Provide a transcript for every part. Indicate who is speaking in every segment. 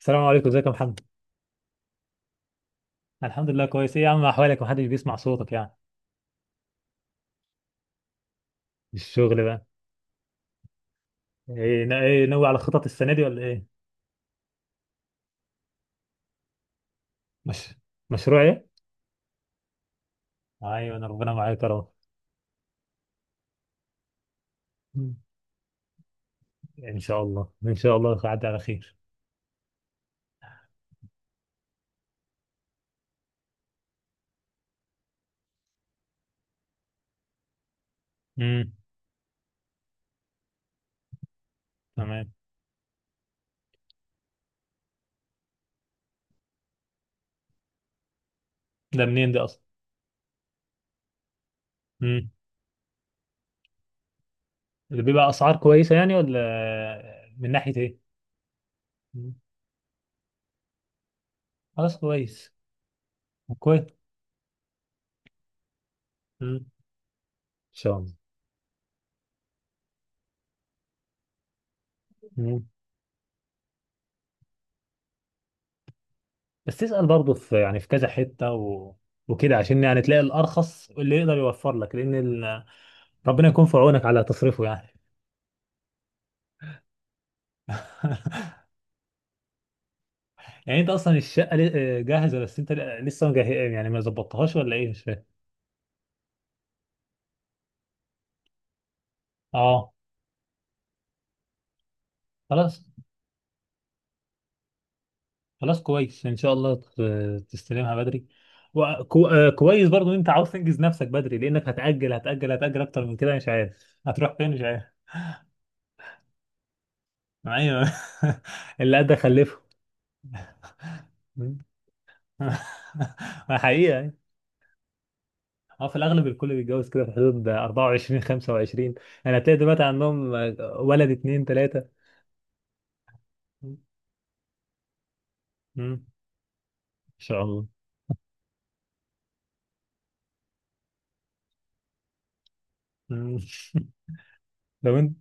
Speaker 1: السلام عليكم، ازيك يا محمد؟ الحمد لله كويس. ايه يا عم احوالك، محدش بيسمع صوتك يعني؟ الشغل بقى. ايه ناوي على خطط السنه دي ولا ايه؟ مش. مشروع ايه؟ ايوه، انا ربنا معاك يا رب. مم. ان شاء الله، ان شاء الله هتعدي على خير. امم. تمام. ده منين ده اصلا؟ امم. اللي بيبقى اسعار كويسه يعني، ولا من ناحيه ايه؟ مم. خلاص كويس. كويس. امم. ان شاء الله. مم. بس تسال برضه، في يعني في كذا حته وكده، عشان يعني تلاقي الارخص اللي يقدر يوفر لك، لان ربنا يكون في عونك على تصريفه يعني. يعني انت اصلا الشقه جاهزه، بس انت لسه مجه... يعني ما ظبطتهاش ولا ايه، مش فاهم. اه خلاص. خلاص كويس ان شاء الله تستلمها بدري، وكو... آه، كويس برضو ان انت عاوز تنجز نفسك بدري، لانك هتاجل اكتر من كده، مش عارف هتروح فين، مش عارف. ايوه. اللي قد خلفه. ما حقيقه يعني. اه في الاغلب الكل بيتجوز كده في حدود 24 25، يعني هتلاقي دلوقتي عندهم ولد 2 3. مم. ان شاء الله. مم. لو انت.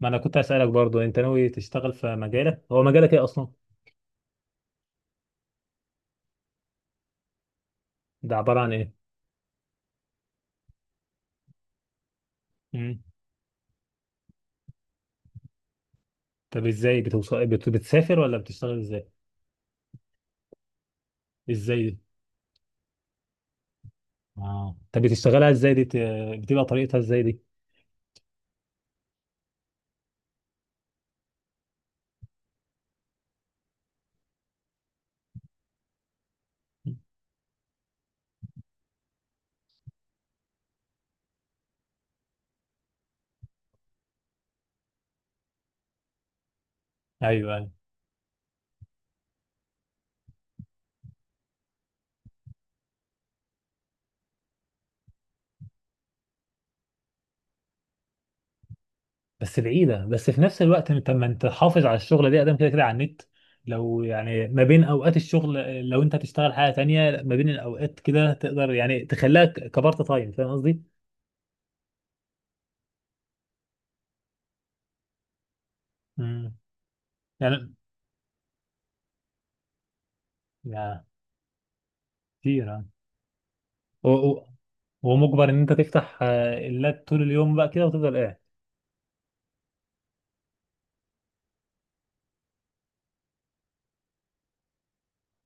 Speaker 1: ما انا كنت اسالك برضو، انت ناوي تشتغل في مجالك؟ هو مجالك ايه اصلا؟ ده عباره عن ايه؟ مم. طب ازاي بتوصل بتسافر ولا بتشتغل ازاي؟ ازاي دي؟ اه طب بتشتغلها ازاي دي؟ بتبقى طريقتها ازاي دي؟ مم. ايوه، ايوه. بس بعيده، بس في نفس الوقت انت، ما انت حافظ على الشغله دي ادم كده كده على النت. لو يعني ما بين اوقات الشغل، لو انت هتشتغل حاجه تانية ما بين الاوقات كده، تقدر يعني تخليها كبارت تايم، فاهم قصدي؟ مم. يعني كتير يعني. و- و- ومجبر ان انت تفتح اللاب طول اليوم بقى كده وتفضل قاعد.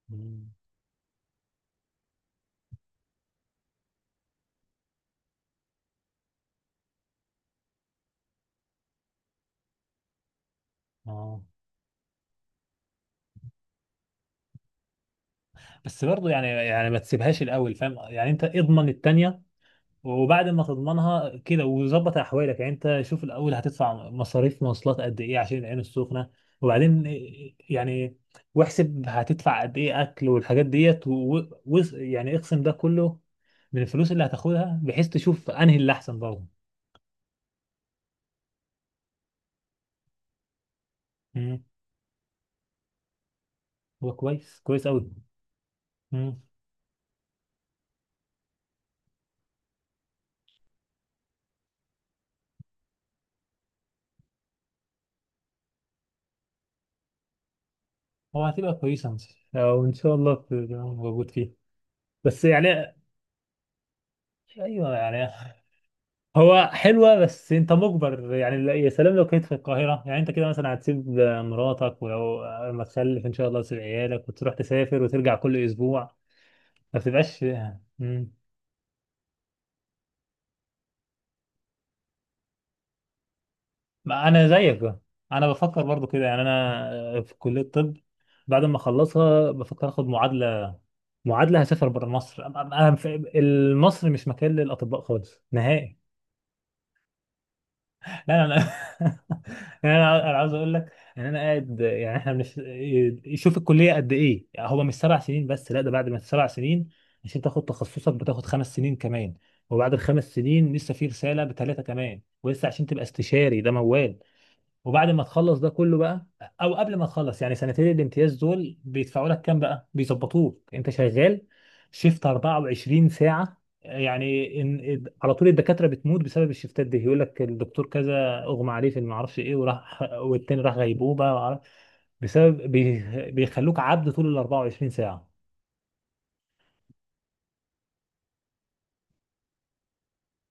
Speaker 1: مم. اه بس برضو يعني، يعني ما تسيبهاش الاول، فاهم يعني؟ انت اضمن التانية، وبعد ما تضمنها كده وظبط احوالك. يعني انت شوف الاول هتدفع مصاريف مواصلات قد ايه عشان العين السخنة، وبعدين يعني واحسب هتدفع قد ايه اكل والحاجات ديت، يعني اقسم ده كله من الفلوس اللي هتاخدها، بحيث تشوف انهي اللي احسن برضه. مم. هو كويس، كويس قوي. هو هتبقى كويسة، أو إن شاء الله تبقى موجود فيه. بس يعني. أيوه يعني. هو حلوة، بس أنت مجبر يعني. يا سلام لو كنت في القاهرة، يعني أنت كده مثلا هتسيب مراتك، ولو لما تخلف إن شاء الله تسيب عيالك وتروح تسافر وترجع كل أسبوع. ما بتبقاش. مم. ما أنا زيك بقى. أنا بفكر برضو كده، يعني أنا في كلية الطب بعد ما أخلصها بفكر آخد معادلة. معادلة هسافر بره مصر، أنا مصر مش مكان للأطباء خالص نهائي. لا، لا، لا. يعني انا عاوز اقول لك ان انا قاعد، يعني احنا شوف الكليه قد ايه، يعني هو مش 7 سنين بس، لا ده بعد ما 7 سنين عشان تاخد تخصصك بتاخد خمس سنين كمان، وبعد ال 5 سنين لسه في رساله ب 3 كمان، ولسه عشان تبقى استشاري ده موال. وبعد ما تخلص ده كله بقى، او قبل ما تخلص يعني سنتين الامتياز دول بيدفعوا لك كام بقى، بيظبطوك انت شغال شيفت 24 ساعة، يعني إن على طول الدكاترة بتموت بسبب الشيفتات دي، يقول لك الدكتور كذا اغمى عليه في ما اعرفش ايه وراح، والتاني راح غيبوبة بسبب بيخلوك عبد طول ال 24 ساعة.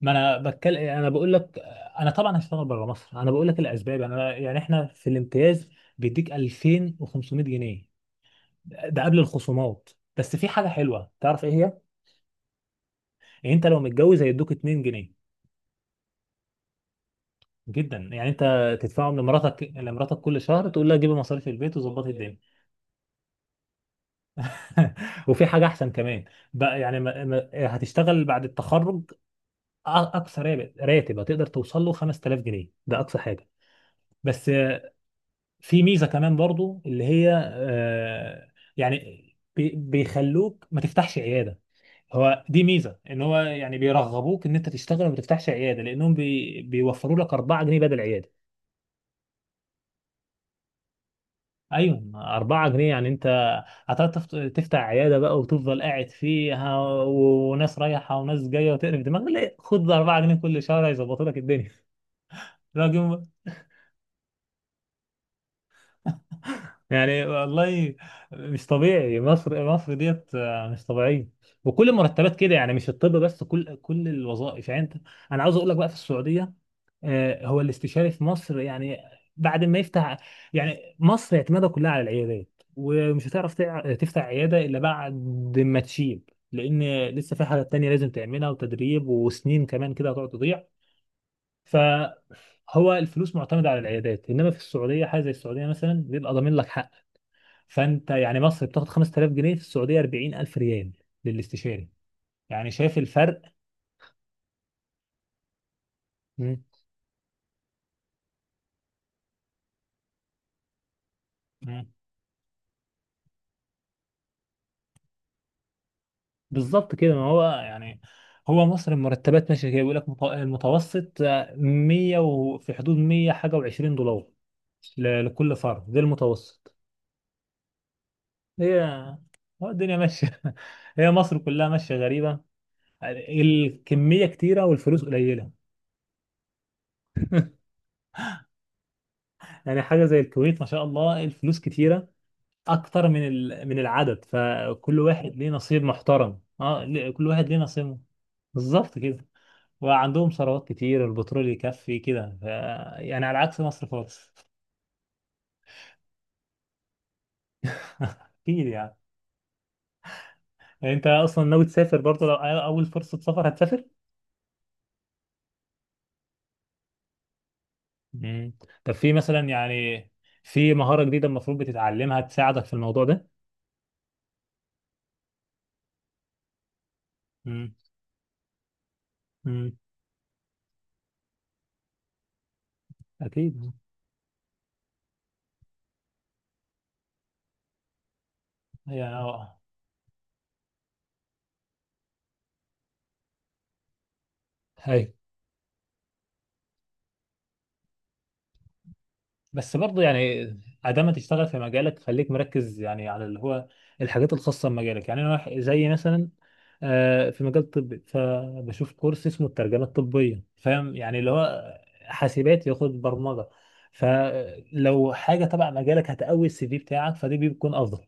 Speaker 1: ما انا بتكلم، انا بقول لك. انا طبعا هشتغل بره مصر، انا بقول لك الاسباب. يعني انا، يعني احنا في الامتياز بيديك 2500 جنيه، ده قبل الخصومات. بس في حاجه حلوه، تعرف ايه هي؟ يعني انت لو متجوز هيدوك 2 جنيه. جدا يعني انت تدفعهم لمراتك، كل شهر تقول لها جيبي مصاريف البيت وظبطي الدنيا. وفي حاجه احسن كمان بقى، يعني ما... ما... هتشتغل بعد التخرج، اقصى راتب هتقدر توصل له 5000 جنيه، ده اقصى حاجه. بس في ميزه كمان برضو، اللي هي يعني بيخلوك ما تفتحش عياده. هو دي ميزه ان هو يعني بيرغبوك ان انت تشتغل وما تفتحش عياده، لانهم بيوفروا لك 4 جنيه بدل عياده. ايوه 4 جنيه، يعني انت هتعرف تفتح عياده بقى وتفضل قاعد فيها وناس رايحه وناس جايه وتقرف دماغك. لا خد 4 جنيه كل شهر هيظبطوا لك الدنيا. راجل، يعني والله مش طبيعي. مصر ديت مش طبيعيه، وكل المرتبات كده، يعني مش الطب بس، كل الوظائف. يعني انت، انا عاوز اقول لك بقى في السعوديه، هو الاستشاري في مصر يعني بعد ما يفتح، يعني مصر اعتمادها كلها على العيادات، ومش هتعرف تفتح عيادة إلا بعد ما تشيب، لأن لسه في حاجات تانية لازم تعملها وتدريب وسنين كمان كده هتقعد تضيع. فهو الفلوس معتمدة على العيادات، إنما في السعودية، حاجة زي السعودية مثلا بيبقى ضامن لك حق. فأنت يعني مصر بتاخد 5000 جنيه، في السعودية 40000 ريال للاستشاري. يعني شايف الفرق؟ مم. بالظبط كده. ما هو يعني هو مصر المرتبات ماشيه كده، بيقول لك المتوسط 100، وفي حدود 100 حاجه و20 دولار لكل فرد، ده المتوسط. هي هو الدنيا ماشيه. هي مصر كلها ماشيه غريبه، يعني الكميه كتيره والفلوس قليله. يعني حاجه زي الكويت ما شاء الله الفلوس كتيره اكتر من من العدد، فكل واحد ليه نصيب محترم. اه كل واحد ليه نصيبه. بالظبط كده، وعندهم ثروات كتير، البترول يكفي كده يعني على عكس مصر خالص. اكيد يعني. انت اصلا ناوي تسافر برضه؟ لو اول فرصة سفر هتسافر؟ مم. طب في مثلا يعني في مهارة جديدة المفروض بتتعلمها تساعدك في الموضوع ده؟ امم. امم. اكيد يعني. اه. هي بس برضه يعني، عدم تشتغل في مجالك، خليك مركز يعني على اللي هو الحاجات الخاصة بمجالك. يعني أنا زي مثلا في مجال طبي فبشوف كورس اسمه الترجمة الطبية، فاهم؟ يعني اللي هو حاسبات ياخد برمجة، فلو حاجة تبع مجالك هتقوي السي في بتاعك، فدي بيكون أفضل.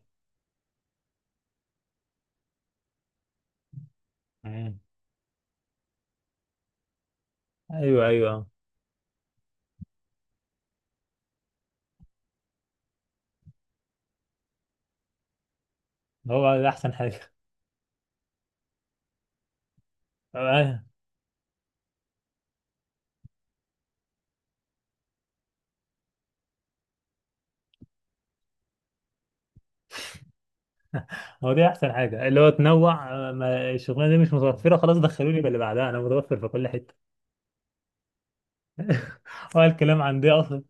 Speaker 1: مم. أيوه أيوه. هو ده أحسن حاجة. آه، هو دي أحسن حاجة اللي هو تنوع. ما الشغلانة دي مش متوفرة خلاص، دخلوني باللي بعدها، أنا متوفر في كل حتة. هو الكلام عندي أصلا.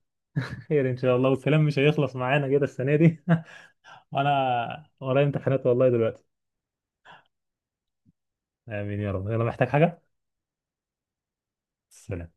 Speaker 1: خير. ان شاء الله، والكلام مش هيخلص معانا كده السنه دي. وانا ورايا امتحانات والله دلوقتي. امين يا رب. يلا محتاج حاجه؟ سلام.